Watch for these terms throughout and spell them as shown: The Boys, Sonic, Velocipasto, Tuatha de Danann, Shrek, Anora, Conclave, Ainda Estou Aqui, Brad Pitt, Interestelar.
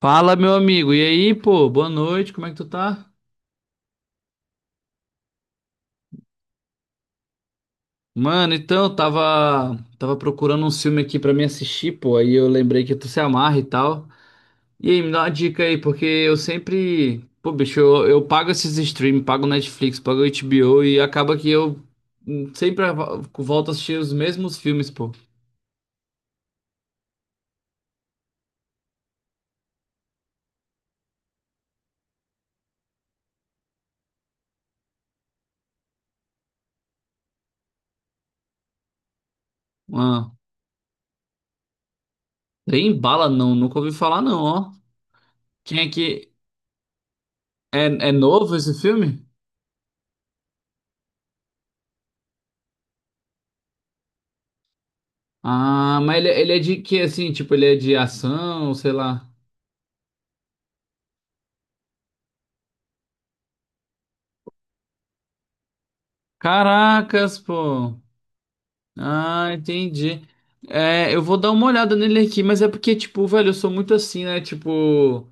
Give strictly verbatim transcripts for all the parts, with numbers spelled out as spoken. Fala, meu amigo. E aí, pô? Boa noite. Como é que tu tá? Mano, então, eu tava tava procurando um filme aqui pra me assistir, pô. Aí eu lembrei que tu se amarra e tal. E aí, me dá uma dica aí, porque eu sempre, pô, bicho, eu, eu pago esses streams, pago Netflix, pago H B O e acaba que eu hum, sempre vo- volto a assistir os mesmos filmes, pô. Ah, trem bala não, nunca ouvi falar não, ó. Quem é que é, é novo esse filme? Ah, mas ele, ele é de que assim, tipo, ele é de ação, sei lá. Caracas, pô. Ah, entendi. É, eu vou dar uma olhada nele aqui, mas é porque, tipo, velho, eu sou muito assim, né? Tipo,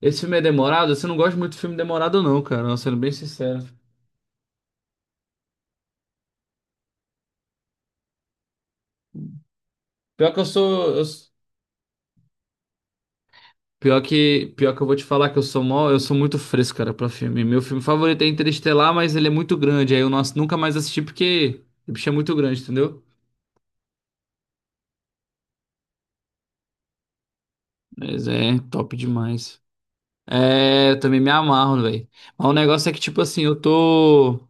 esse filme é demorado. Você não gosta muito de filme demorado, não, cara. Nossa, sendo bem sincero. Pior que eu sou. Eu s- pior que, pior que eu vou te falar que eu sou mó, eu sou muito fresco, cara, pra filme. Meu filme favorito é Interestelar, mas ele é muito grande. Aí eu não, ass- nunca mais assisti porque o bicho é muito grande, entendeu? Mas é top demais. É, eu também me amarro, velho. Mas o negócio é que, tipo assim, eu tô.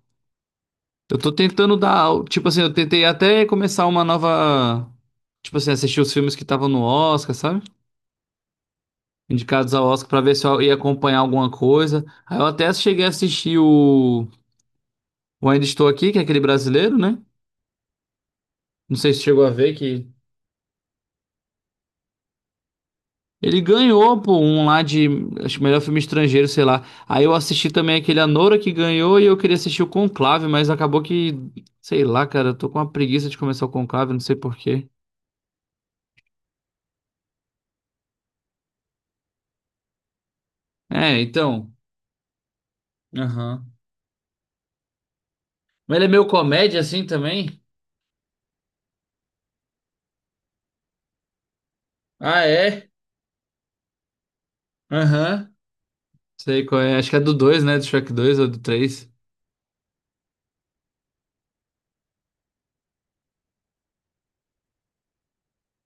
Eu tô tentando dar. al- Tipo assim, eu tentei até começar uma nova. Tipo assim, assistir os filmes que estavam no Oscar, sabe? Indicados ao Oscar pra ver se eu ia acompanhar alguma coisa. Aí eu até cheguei a assistir o. O Ainda Estou Aqui, que é aquele brasileiro, né? Não sei se chegou a ver que. Ele ganhou, pô, um lá de. Acho que melhor filme estrangeiro, sei lá. Aí eu assisti também aquele Anora que ganhou e eu queria assistir o Conclave, mas acabou que. Sei lá, cara, eu tô com uma preguiça de começar o Conclave, não sei por quê. É, então. Aham. Mas ele é meio comédia assim também? Ah, é? Aham. Sei qual é. Acho que é do dois, né? Do Shrek dois ou do três.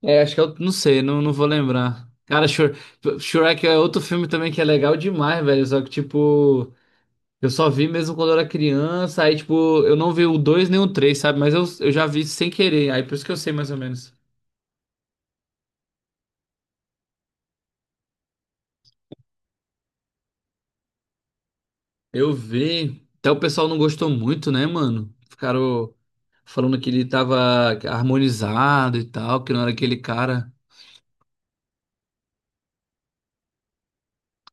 É, acho que é o... Não sei, não, não vou lembrar. Cara, Shr... Shrek é outro filme também que é legal demais, velho. Só que, tipo, eu só vi mesmo quando eu era criança. Aí, tipo, eu não vi o dois nem o três, sabe? Mas eu, eu já vi sem querer. Aí, por isso que eu sei mais ou menos. Eu vi. Até o pessoal não gostou muito, né, mano? Ficaram falando que ele tava harmonizado e tal, que não era aquele cara.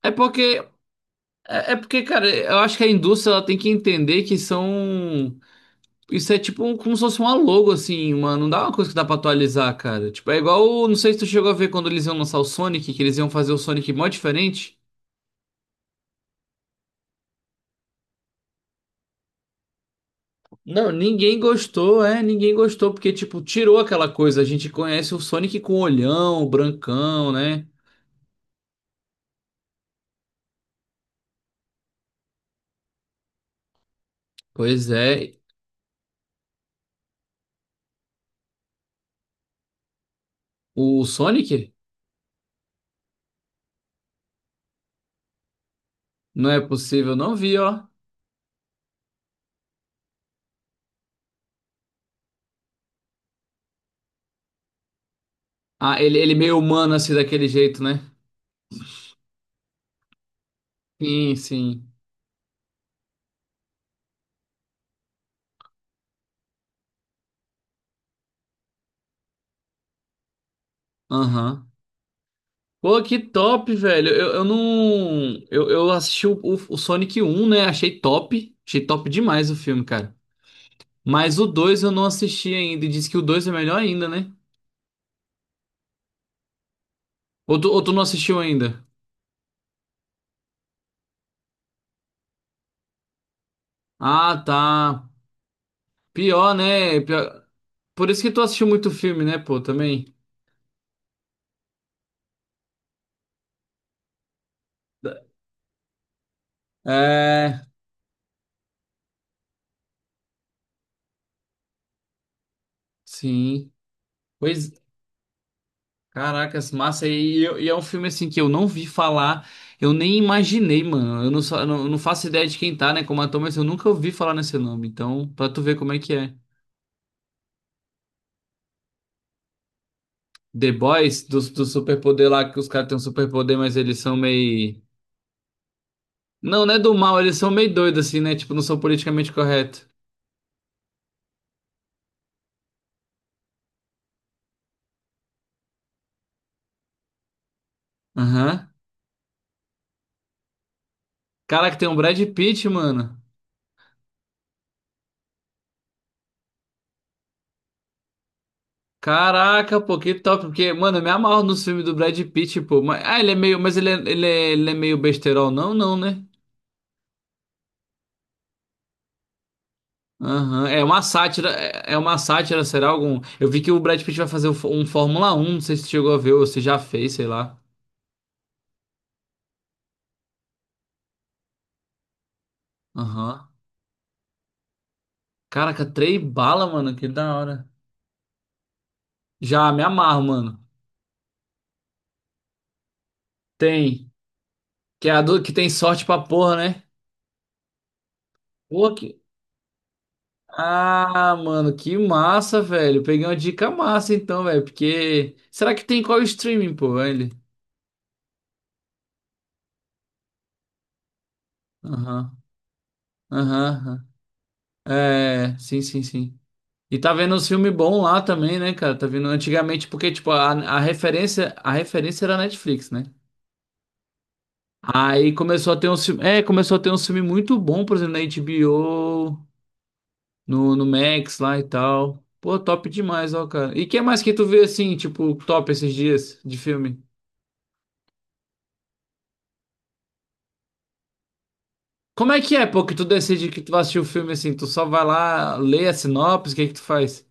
É porque É é porque, cara, eu acho que a indústria ela tem que entender que são. Isso é tipo um- como se fosse uma logo, assim, uma... não dá uma coisa que dá pra atualizar, cara. Tipo, é igual. o- Não sei se tu chegou a ver quando eles iam lançar o Sonic, que eles iam fazer o Sonic mó diferente. Não, ninguém gostou, é, ninguém gostou, porque, tipo, tirou aquela coisa. A gente conhece o Sonic com olhão, brancão, né? Pois é. O Sonic? Não é possível, não vi, ó. Ah, ele, ele meio humano, assim, daquele jeito, né? Sim, sim. Aham. Pô, que top, velho. Eu, eu não. Eu, eu assisti o, o, o Sonic um, né? Achei top. Achei top demais o filme, cara. Mas o dois eu não assisti ainda. E diz que o dois é melhor ainda, né? Ou tu, ou tu não assistiu ainda? Ah, tá. Pior, né? Pior- Por isso que tu assistiu muito filme, né, pô, também. É, sim. Pois Caracas, massa. E, e- e é um filme assim que eu não vi falar, eu nem imaginei, mano. Eu não, só, não, não faço ideia de quem tá, né, como ator, mas eu nunca ouvi falar nesse nome. Então, pra tu ver como é que é. The Boys, do, do superpoder lá, que os caras têm um superpoder, mas eles são meio. Não, não é do mal, eles são meio doidos, assim, né? Tipo, não são politicamente corretos. Aham. Caraca, tem um Brad Pitt, mano. Caraca, pô, que top, porque, mano, eu me amarro nos filmes do Brad Pitt, pô. Mas, ah, ele é meio, mas ele é, ele é, ele é meio besterol, não, não, né? Aham. É uma sátira, é é uma sátira, será algum? Eu vi que o Brad Pitt vai fazer um Fó- um Fórmula um, não sei se chegou a ver ou se já fez, sei lá. Aham. Caraca, três bala, mano, que da hora. Já me amarro, mano. Tem, que é a do que tem sorte pra porra, né? Pô, que... Ah, mano, que massa, velho. Peguei uma dica massa então, velho, porque será que tem qual streaming, pô, ele? Aham. Aham. Aham. É, sim, sim, sim. E tá vendo uns filmes bons lá também, né, cara? Tá vendo antigamente, porque, tipo, a, a referência, a referência era a Netflix, né? Aí começou a ter uns filmes. É, começou a ter uns filmes muito bons, por exemplo, na H B O, no, no Max lá e tal. Pô, top demais, ó, cara. E que mais que tu vê assim, tipo, top esses dias de filme? Como é que é, pô, que tu decide que tu vai assistir o filme assim? Tu só vai lá, lê a sinopse, o que é que tu faz?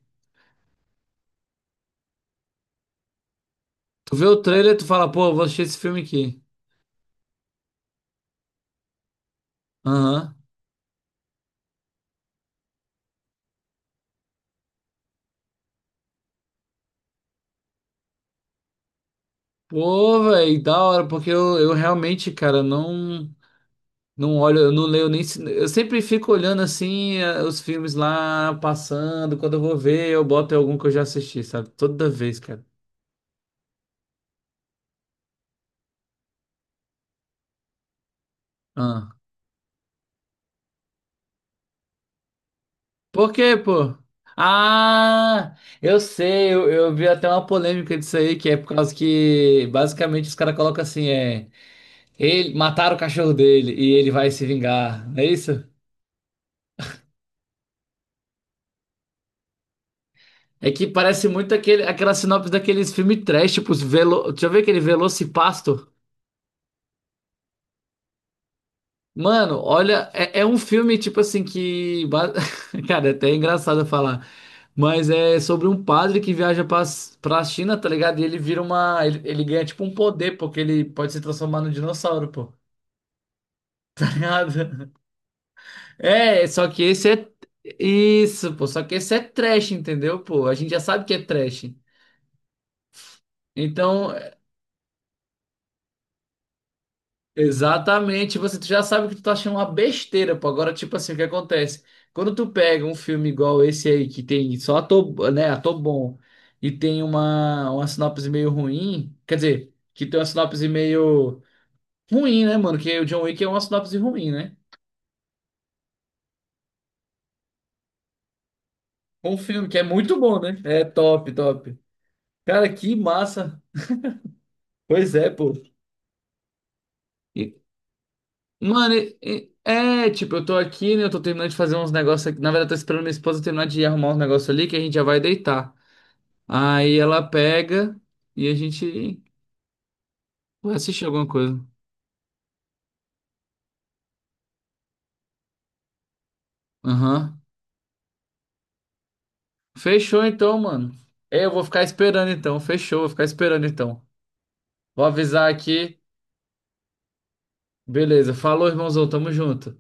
Tu vê o trailer, tu fala, pô, eu vou assistir esse filme aqui. Aham. Pô, velho, da hora, porque eu, eu realmente, cara, não não olho, eu não leio nem. se- Eu sempre fico olhando assim eh, os filmes lá passando. Quando eu vou ver, eu boto algum que eu já assisti, sabe? Toda vez, cara. Ah. Por quê, pô? Ah, eu sei, eu, eu vi até uma polêmica disso aí, que é por causa que basicamente os caras colocam assim, é. Ele, mataram o cachorro dele e ele vai se vingar, não é isso? É que parece muito aquele, aquela sinopse daqueles filmes trash, tipo, os velo... deixa eu ver aquele Velocipasto. Mano, olha, é, é um filme, tipo assim, que. ba- Cara, é até engraçado falar. Mas é sobre um padre que viaja pra, pra China, tá ligado? E ele vira uma. Ele, ele ganha, tipo, um poder, porque ele pode se transformar num dinossauro, pô. Tá ligado? É, só que esse é. Isso, pô. Só que esse é trash, entendeu, pô? A gente já sabe que é trash. Então, Exatamente, você tu já sabe que tu tá achando uma besteira, pô. Agora, tipo assim, o que acontece? Quando tu pega um filme igual esse aí, que tem só ator, né, ator bom, e tem uma, uma sinopse meio ruim, quer dizer, que tem uma sinopse meio ruim, né, mano? Que o John Wick é uma sinopse ruim, né? Um filme que é muito bom, né? É top, top. Cara, que massa. Pois é, pô. E- mano, e- e- é, tipo, eu tô aqui, né? Eu tô terminando de fazer uns negócios aqui. Na verdade, eu tô esperando minha esposa terminar de arrumar uns negócios ali, que a gente já vai deitar. Aí ela pega e a gente vai assistir alguma coisa. Aham. Fechou então, mano. É, eu vou ficar esperando então. Fechou, vou ficar esperando então. Vou avisar aqui. Beleza. Falou, irmãozão. Tamo junto.